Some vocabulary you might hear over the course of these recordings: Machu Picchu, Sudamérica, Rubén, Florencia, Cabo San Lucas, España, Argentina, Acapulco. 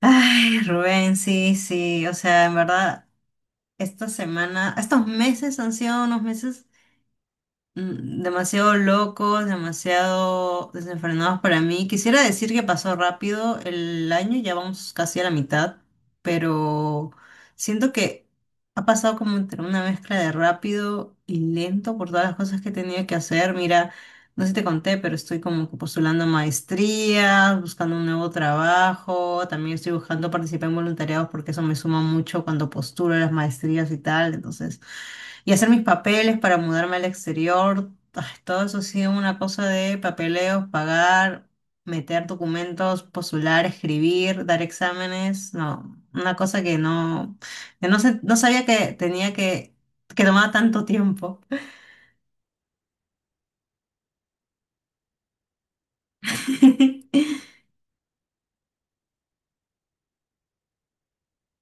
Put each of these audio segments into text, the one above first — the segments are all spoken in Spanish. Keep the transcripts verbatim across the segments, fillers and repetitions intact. Ay, Rubén, sí, sí, o sea, en verdad, esta semana, estos meses han sido unos meses mm, demasiado locos, demasiado desenfrenados para mí. Quisiera decir que pasó rápido el año, ya vamos casi a la mitad, pero siento que ha pasado como entre una mezcla de rápido y lento por todas las cosas que he tenido que hacer. Mira, no sé si te conté, pero estoy como que postulando a maestrías, buscando un nuevo trabajo, también estoy buscando participar en voluntariados porque eso me suma mucho cuando postulo a las maestrías y tal, entonces... Y hacer mis papeles para mudarme al exterior, ah, todo eso ha sido una cosa de papeleos, pagar, meter documentos, postular, escribir, dar exámenes, no, una cosa que no, que no, sé- no sabía que tenía que, que tomaba tanto tiempo.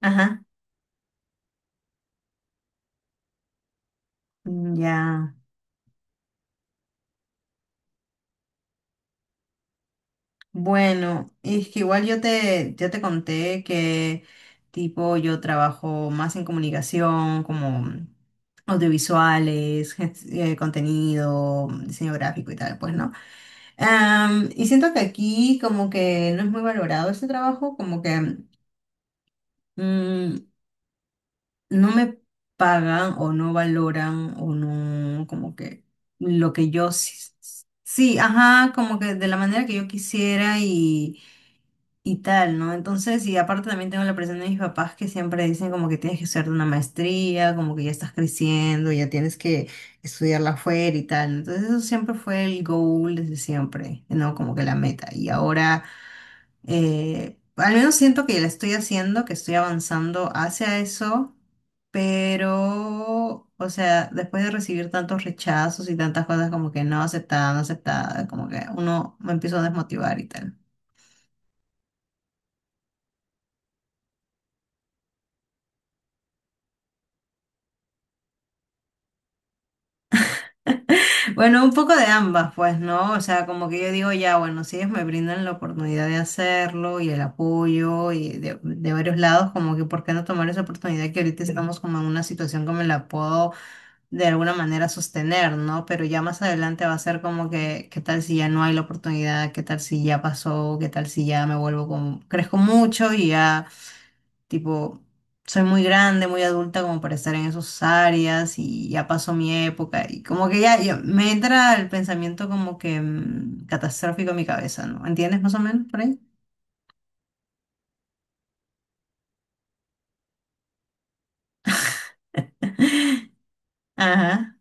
Ajá, ya. Bueno, es que igual yo te, ya te conté que tipo yo trabajo más en comunicación, como audiovisuales, gen- eh, contenido, diseño gráfico y tal, pues, ¿no? Am, y siento que aquí como que no es muy valorado ese trabajo, como que mm, no me pagan o no valoran o no, como que lo que yo sí, sí, ajá, como que de la manera que yo quisiera y y tal, ¿no? Entonces, y aparte también tengo la presión de mis papás que siempre dicen como que tienes que hacer una maestría, como que ya estás creciendo, ya tienes que estudiarla afuera y tal. Entonces, eso siempre fue el goal desde siempre, ¿no? Como que la meta. Y ahora, eh, al menos siento que la estoy haciendo, que estoy avanzando hacia eso. Pero, o sea, después de recibir tantos rechazos y tantas cosas como que no aceptada, no aceptada, como que uno me empiezo a desmotivar y tal. Bueno, un poco de ambas, pues, ¿no? O sea, como que yo digo, ya, bueno, si ellos me brindan la oportunidad de hacerlo y el apoyo y de, de varios lados, como que ¿por qué no tomar esa oportunidad que ahorita estamos como en una situación que me la puedo de alguna manera sostener, ¿no? Pero ya más adelante va a ser como que, ¿qué tal si ya no hay la oportunidad? ¿Qué tal si ya pasó? ¿Qué tal si ya me vuelvo como, crezco mucho y ya... Tipo, soy muy grande, muy adulta como para estar en esas áreas y ya pasó mi época y como que ya, ya me entra el pensamiento como que mm, catastrófico en mi cabeza, ¿no? ¿Entiendes más o menos por ahí? Ajá,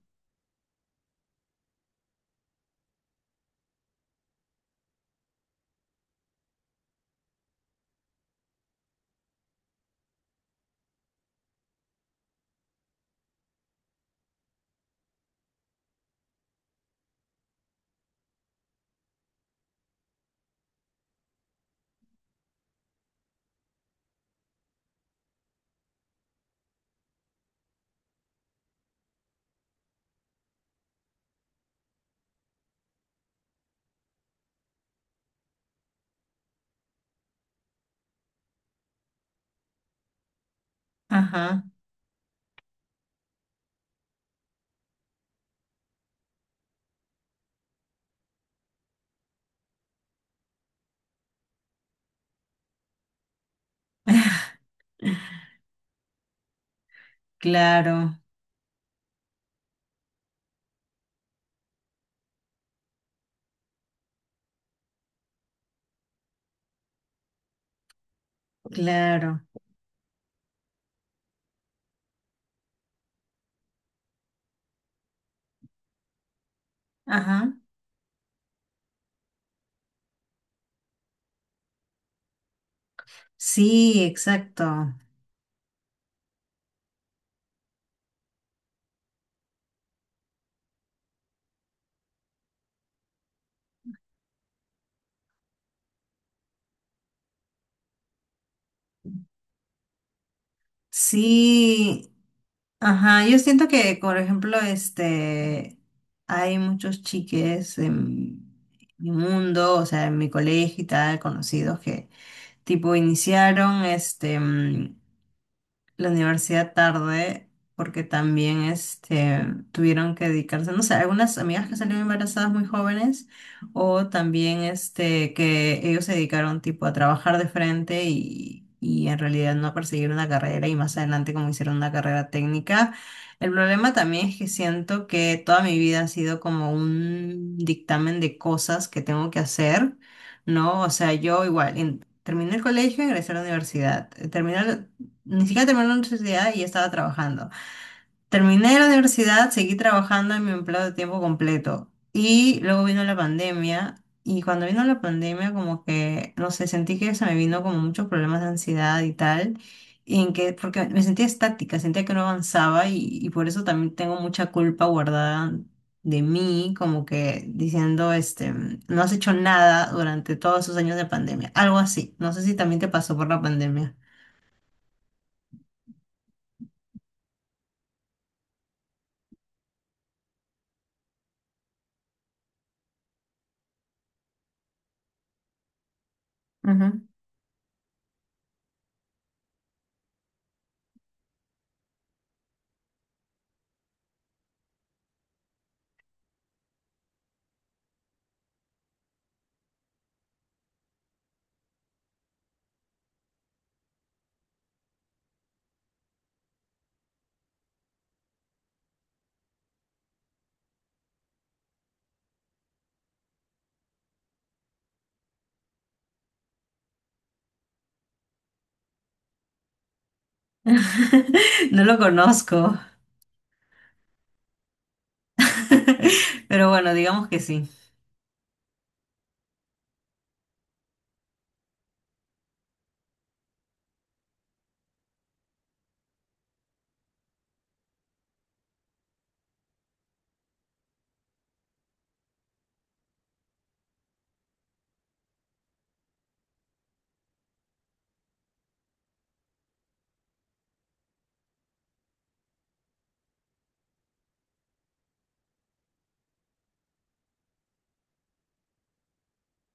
ajá, claro, claro, ajá. Sí, exacto. Sí, ajá, yo siento que, por ejemplo, este, hay muchos chiques en mi mundo, o sea, en mi colegio y tal, conocidos que, tipo, iniciaron, este, mm, la universidad tarde porque también este, tuvieron que dedicarse, no sé, algunas amigas que salieron embarazadas muy jóvenes o también este, que ellos se dedicaron tipo a trabajar de frente y, y en realidad no a perseguir una carrera y más adelante como hicieron una carrera técnica. El problema también es que siento que toda mi vida ha sido como un dictamen de cosas que tengo que hacer. ¿No? O sea, yo igual, en- terminé el colegio, ingresé a la universidad, eh, terminé, ni siquiera terminé la universidad y estaba trabajando. Terminé la universidad, seguí trabajando en mi empleo de tiempo completo. Y luego vino la pandemia. Y cuando vino la pandemia, como que, no sé, sentí que se me vino como muchos problemas de ansiedad y tal. Y en que, porque me sentía estática, sentía que no avanzaba y, y por eso también tengo mucha culpa guardada de mí, como que diciendo, este, no has hecho nada durante todos esos años de pandemia. Algo así. No sé si también te pasó por la pandemia. No lo conozco, pero bueno, digamos que sí.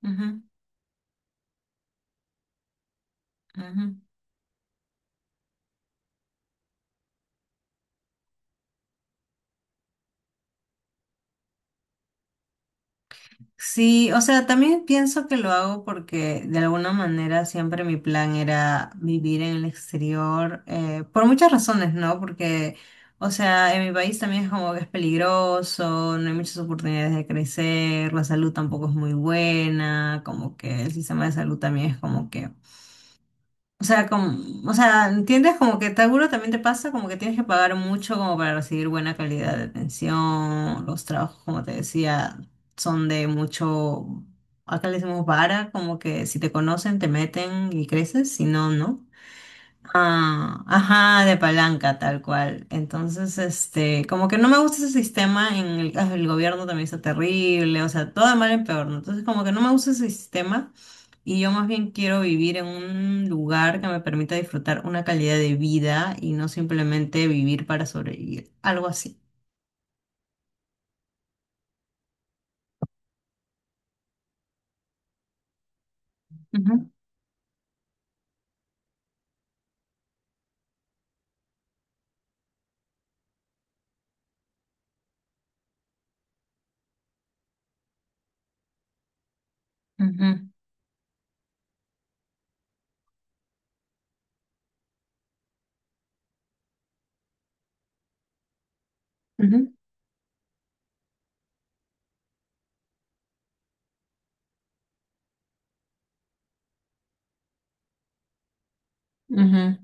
Ujú, ujú. Sí, o sea, también pienso que lo hago porque de alguna manera siempre mi plan era vivir en el exterior, eh, por muchas razones, ¿no? Porque, o sea, en mi país también es como que es peligroso, no hay muchas oportunidades de crecer, la salud tampoco es muy buena, como que el sistema de salud también es como que o sea, como, o sea, ¿entiendes? Como que seguro también te pasa, como que tienes que pagar mucho como para recibir buena calidad de atención. Los trabajos, como te decía, son de mucho, acá le decimos vara, como que si te conocen, te meten y creces, si no, no. Ah, ajá, de palanca, tal cual. Entonces, este, como que no me gusta ese sistema en el, ah, el gobierno también está terrible, o sea, todo de mal en peor, ¿no? Entonces, como que no me gusta ese sistema y yo más bien quiero vivir en un lugar que me permita disfrutar una calidad de vida y no simplemente vivir para sobrevivir, algo así. Ujú, ujú, ujú, ujú,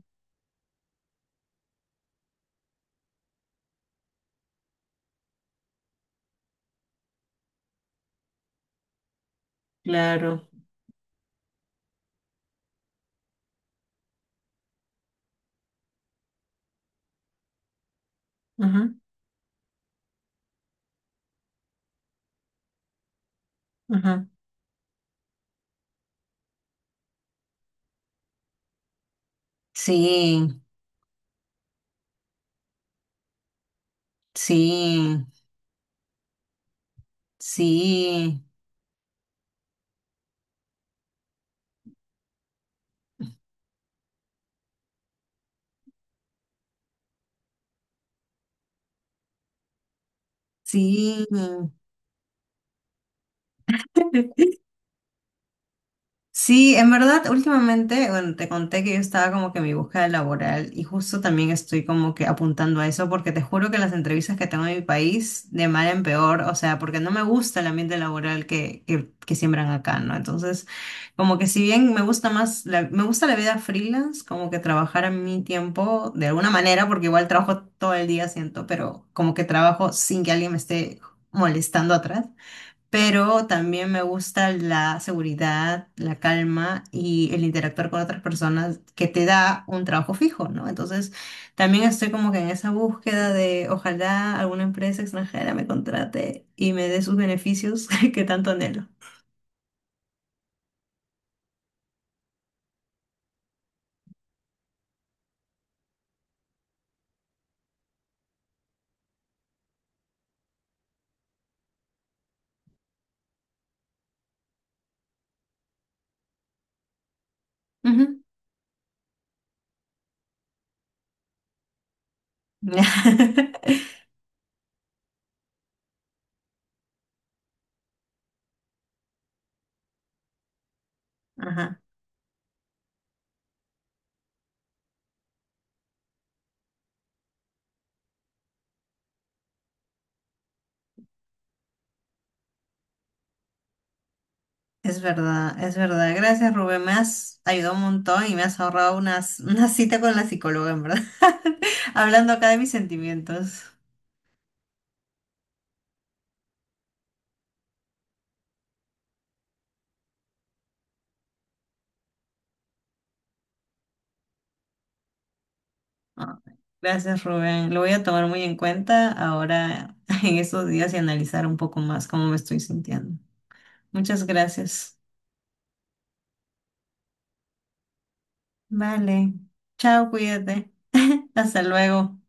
claro. Ajá, ajá. Sí, sí, sí, sí. Sí, en verdad, últimamente, bueno, te conté que yo estaba como que en mi búsqueda laboral y justo también estoy como que apuntando a eso porque te juro que las entrevistas que tengo en mi país, de mal en peor, o sea, porque no me gusta el ambiente laboral que, que, que siembran acá, ¿no? Entonces, como que si bien me gusta más, la- me gusta la vida freelance, como que trabajar a mi tiempo de alguna manera, porque igual trabajo todo el día, siento, pero como que trabajo sin que alguien me esté molestando atrás, pero también me gusta la seguridad, la calma y el interactuar con otras personas que te da un trabajo fijo, ¿no? Entonces, también estoy como que en esa búsqueda de ojalá alguna empresa extranjera me contrate y me dé sus beneficios que tanto anhelo. Ujú. Ajá, es verdad, es verdad. Gracias, Rubén. Me has ayudado un montón y me has ahorrado unas, una cita con la psicóloga, en verdad. Hablando acá de mis sentimientos. Ah, gracias, Rubén. Lo voy a tomar muy en cuenta ahora en estos días y analizar un poco más cómo me estoy sintiendo. Muchas gracias. Vale. Chao, cuídate. Hasta luego.